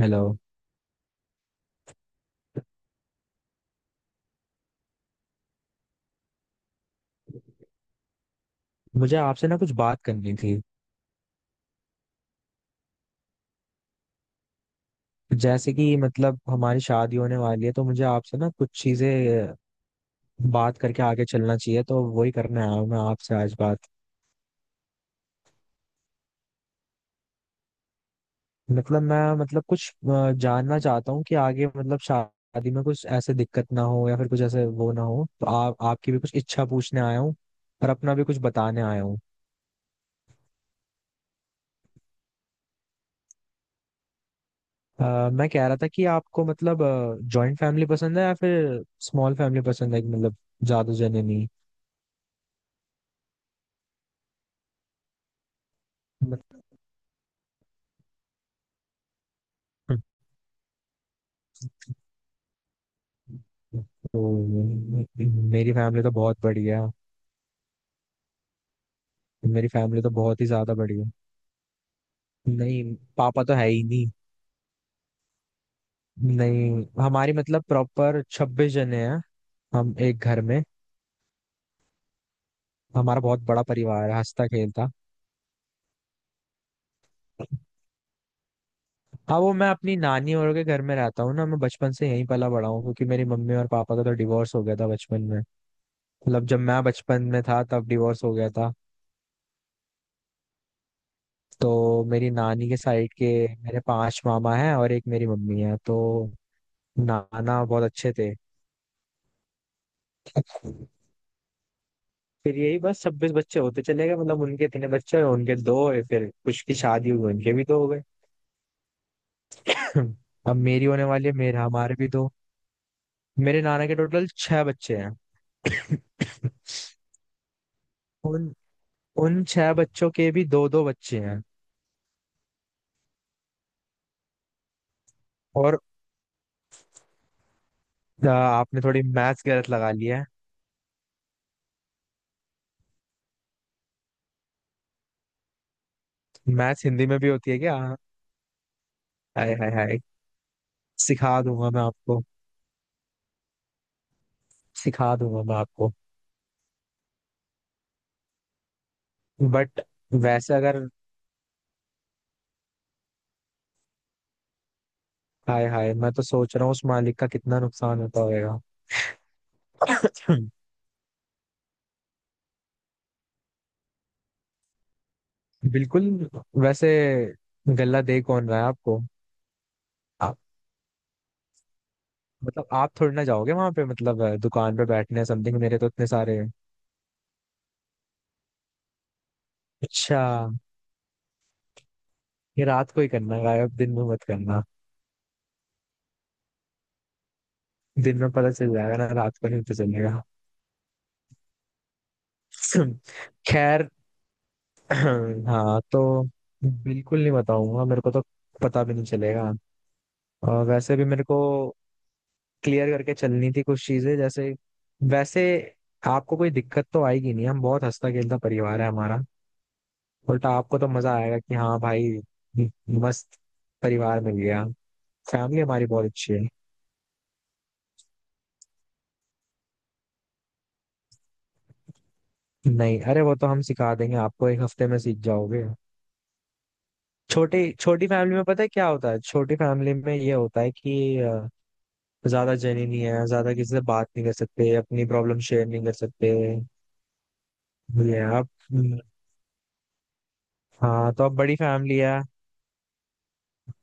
Hello. मुझे आपसे ना कुछ बात करनी थी। जैसे कि मतलब हमारी शादी होने वाली है तो मुझे आपसे ना कुछ चीजें बात करके आगे चलना चाहिए, तो वही करने आया हूँ मैं आपसे आज बात। मतलब मैं मतलब कुछ जानना चाहता हूँ कि आगे मतलब शादी में कुछ ऐसे दिक्कत ना हो या फिर कुछ ऐसे वो ना हो, तो आप आपकी भी कुछ इच्छा पूछने आया हूँ और अपना भी कुछ बताने आया हूँ। मैं कह रहा था कि आपको मतलब जॉइंट फैमिली पसंद है या फिर स्मॉल फैमिली पसंद है कि मतलब ज्यादा जने। नहीं। तो मेरी फैमिली तो बहुत बढ़िया है। मेरी फैमिली तो बहुत ही ज्यादा बढ़िया है। नहीं, पापा तो है ही नहीं। नहीं, हमारी मतलब प्रॉपर 26 जने हैं हम एक घर में। हमारा बहुत बड़ा परिवार है, हंसता खेलता। हाँ वो मैं अपनी नानी और के घर में रहता हूँ ना, मैं बचपन से यहीं पला बड़ा हूँ क्योंकि मेरी मम्मी और पापा का तो डिवोर्स हो गया था बचपन में। मतलब जब मैं बचपन में था तब डिवोर्स हो गया था। तो मेरी नानी के साइड के मेरे पांच मामा हैं और एक मेरी मम्मी है, तो नाना बहुत अच्छे थे। फिर यही बस 26 बच्चे होते चले गए, मतलब उनके इतने बच्चे हुए, उनके दो हुए, फिर कुछ की शादी हुई उनके भी दो हो गए। अब मेरी होने वाली है, मेरे हमारे भी दो। मेरे नाना के टोटल छह बच्चे हैं। उन उन छह बच्चों के भी दो दो बच्चे हैं। और आपने थोड़ी मैथ्स गलत लगा लिया है। मैथ्स हिंदी में भी होती है क्या? हाय हाय हाय। सिखा दूंगा मैं आपको। सिखा दूंगा मैं आपको। बट वैसे अगर हाय हाय, मैं तो सोच रहा हूँ उस मालिक का कितना नुकसान होता होगा। हम्म, बिल्कुल। वैसे गल्ला दे कौन रहा है आपको? आप मतलब आप थोड़ी ना जाओगे वहां पे मतलब दुकान पे बैठने समथिंग, मेरे तो इतने सारे। अच्छा, ये रात को ही करना है, गायब दिन में मत करना। दिन में पता चल जाएगा ना, रात को नहीं पता चलेगा। खैर। हाँ तो बिल्कुल नहीं बताऊंगा, मेरे को तो पता भी नहीं चलेगा। और वैसे भी मेरे को क्लियर करके चलनी थी कुछ चीजें। जैसे वैसे आपको कोई दिक्कत तो आएगी नहीं, हम बहुत हंसता खेलता परिवार है हमारा। उल्टा आपको तो मजा आएगा कि हाँ भाई, मस्त परिवार मिल गया। फैमिली हमारी बहुत अच्छी है। नहीं अरे, वो तो हम सिखा देंगे आपको, एक हफ्ते में सीख जाओगे। छोटी छोटी फैमिली में पता है क्या होता है? छोटी फैमिली में ये होता है कि ज्यादा जनी नहीं है, ज्यादा किसी से बात नहीं कर सकते, अपनी प्रॉब्लम शेयर नहीं कर सकते। ये है। आप, हाँ तो अब बड़ी फैमिली है।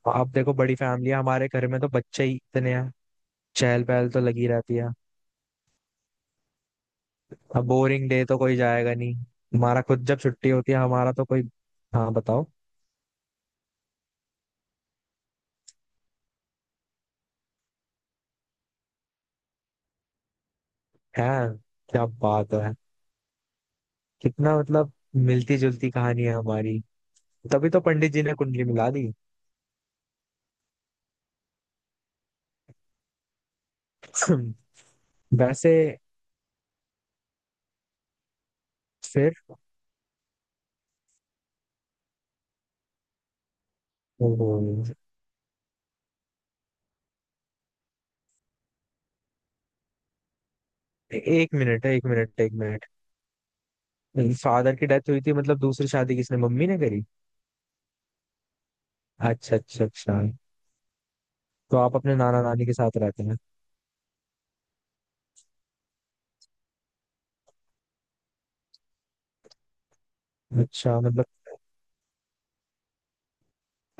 आप देखो, बड़ी फैमिली है, हमारे घर में तो बच्चे ही इतने हैं, चहल पहल तो लगी रहती है। अब बोरिंग डे तो कोई जाएगा नहीं। हमारा खुद जब छुट्टी होती है हमारा तो कोई। हाँ बताओ। है, क्या बात है। कितना मतलब मिलती जुलती कहानी है हमारी। तभी तो पंडित जी ने कुंडली मिला दी। वैसे। फिर। ओहो। एक मिनट है, एक मिनट एक मिनट। फादर की डेथ हुई थी मतलब दूसरी शादी किसने, मम्मी ने करी? अच्छा अच्छा अच्छा। तो आप अपने नाना नानी के साथ रहते हैं? अच्छा मतलब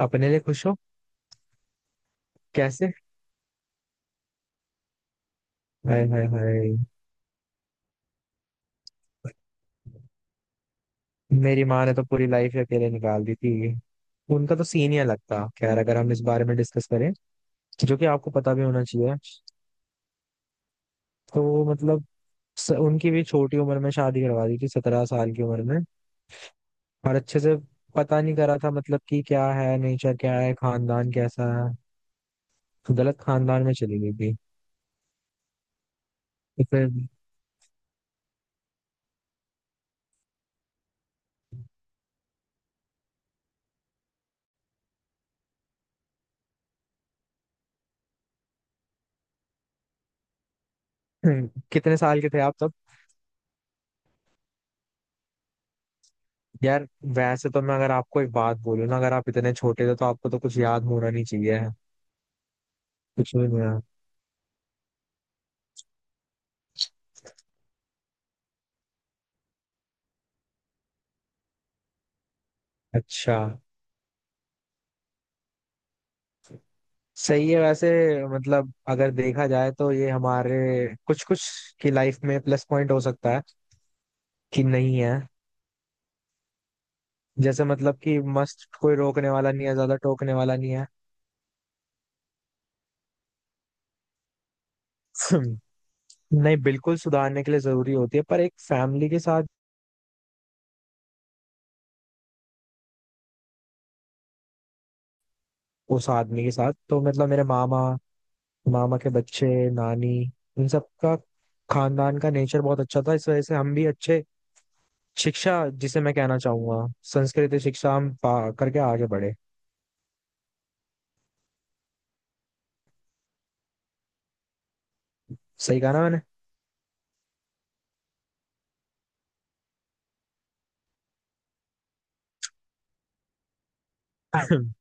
अपने लिए खुश हो? कैसे? हाय हाय हाय। मेरी माँ ने तो पूरी लाइफ ही अकेले निकाल दी थी। उनका तो सीन ही अलग था। खैर अगर हम इस बारे में डिस्कस करें जो कि आपको पता भी होना चाहिए, तो मतलब उनकी भी छोटी उम्र में शादी करवा दी थी, 17 साल की उम्र में। और अच्छे से पता नहीं करा था, मतलब कि क्या है नेचर, क्या है खानदान कैसा है। तो गलत खानदान में चली गई थी। तो फिर। कितने साल के थे आप तब? यार, वैसे तो मैं अगर आपको एक बात बोलूँ ना, अगर आप इतने छोटे थे तो आपको तो कुछ याद होना नहीं चाहिए। कुछ भी नहीं याद। अच्छा। सही है, वैसे मतलब अगर देखा जाए तो ये हमारे कुछ कुछ की लाइफ में प्लस पॉइंट हो सकता है कि नहीं है। जैसे मतलब कि मस्त, कोई रोकने वाला नहीं है, ज्यादा टोकने वाला नहीं है। नहीं बिल्कुल, सुधारने के लिए जरूरी होती है, पर एक फैमिली के साथ। उस आदमी के साथ तो मतलब मेरे मामा, मामा के बच्चे, नानी, इन सब का खानदान का नेचर बहुत अच्छा था, इस वजह से हम भी अच्छे। शिक्षा, जिसे मैं कहना चाहूंगा संस्कृत शिक्षा, हम पा करके आगे बढ़े। सही कहा ना मैंने?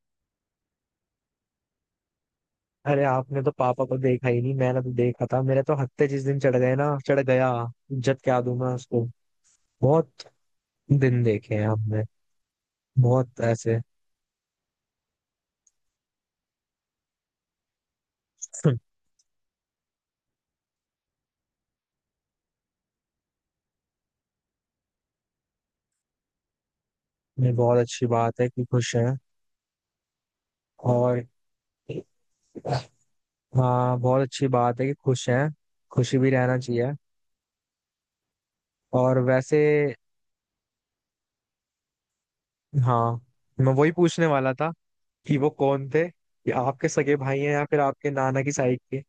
अरे आपने तो पापा को देखा ही नहीं, मैंने तो देखा था। मेरे तो हत्ते जिस दिन चढ़ गए ना चढ़ गया, इज्जत क्या दूं मैं उसको। बहुत दिन देखे हैं हमने, बहुत ऐसे। ये बहुत अच्छी बात है कि खुश हैं। और हाँ, बहुत अच्छी बात है कि खुश हैं। खुशी भी रहना चाहिए। और वैसे, हाँ, मैं वही पूछने वाला था कि वो कौन थे, कि आपके सगे भाई हैं या फिर आपके नाना की साइड के।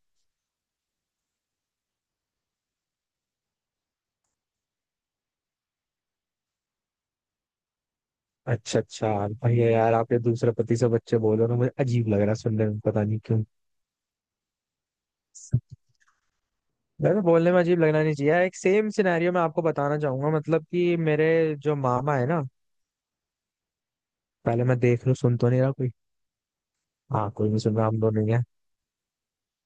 अच्छा अच्छा, भैया यार, आपके दूसरे पति से बच्चे बोल रहे हो ना, मुझे अजीब लग रहा है सुनने में, पता नहीं क्यों। वैसे बोलने में अजीब लगना नहीं चाहिए, एक सेम सिनेरियो मैं आपको बताना चाहूंगा, मतलब कि मेरे जो मामा है ना, पहले मैं देख लूं सुन तो नहीं रहा कोई। हाँ कोई नहीं सुन रहा, हम दोनों ही हैं।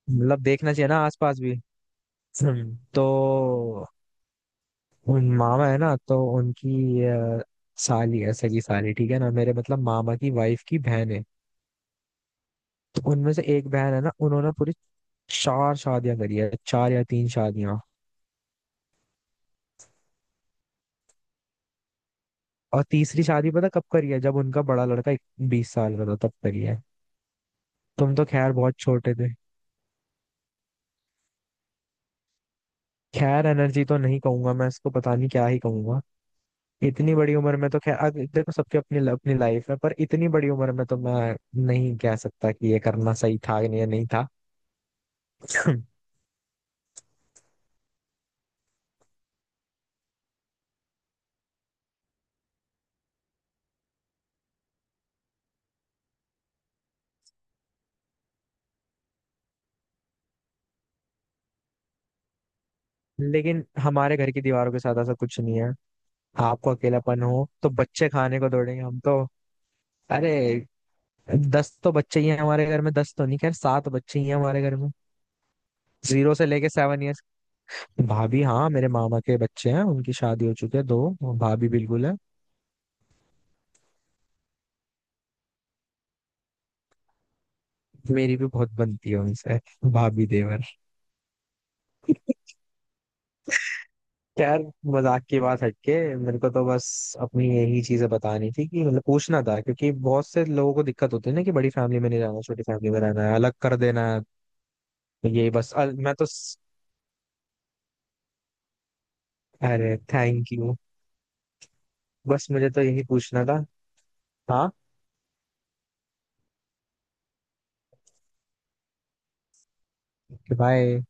मतलब देखना चाहिए ना आसपास भी। हम्म। तो उन मामा है ना, तो उनकी साली है, सगी साली, ठीक है ना, मेरे मतलब मामा की वाइफ की बहन है। तो उनमें से एक बहन है ना, उन्होंने पूरी चार शादियां करी है, चार या तीन शादियां। और तीसरी शादी पता कब करी है, जब उनका बड़ा लड़का 20 साल का था तब करी है। तुम तो खैर बहुत छोटे थे। खैर एनर्जी तो नहीं कहूंगा मैं इसको, पता नहीं क्या ही कहूंगा। इतनी बड़ी उम्र में तो खैर, अब देखो सबकी अपनी अपनी लाइफ है, पर इतनी बड़ी उम्र में तो मैं नहीं कह सकता कि ये करना सही था या नहीं था। लेकिन हमारे घर की दीवारों के साथ ऐसा कुछ नहीं है। आपको अकेलापन हो तो बच्चे खाने को दौड़ेंगे, हम तो अरे 10 तो बच्चे ही हैं हमारे घर में। 10 तो नहीं, खैर सात बच्चे ही हैं हमारे घर में, 0 से लेके 7 इयर्स। भाभी, हाँ मेरे मामा के बच्चे हैं, उनकी शादी हो चुकी है दो। भाभी बिल्कुल है। मेरी भी बहुत बनती है उनसे। भाभी देवर। यार, मजाक की बात हटके मेरे को तो बस अपनी यही चीजें बतानी थी, कि मतलब पूछना था क्योंकि बहुत से लोगों को दिक्कत होती है ना कि बड़ी फैमिली में नहीं रहना, छोटी फैमिली में रहना है, अलग कर देना है। तो ये बस अरे थैंक यू। बस मुझे तो यही पूछना था। हाँ। बाय।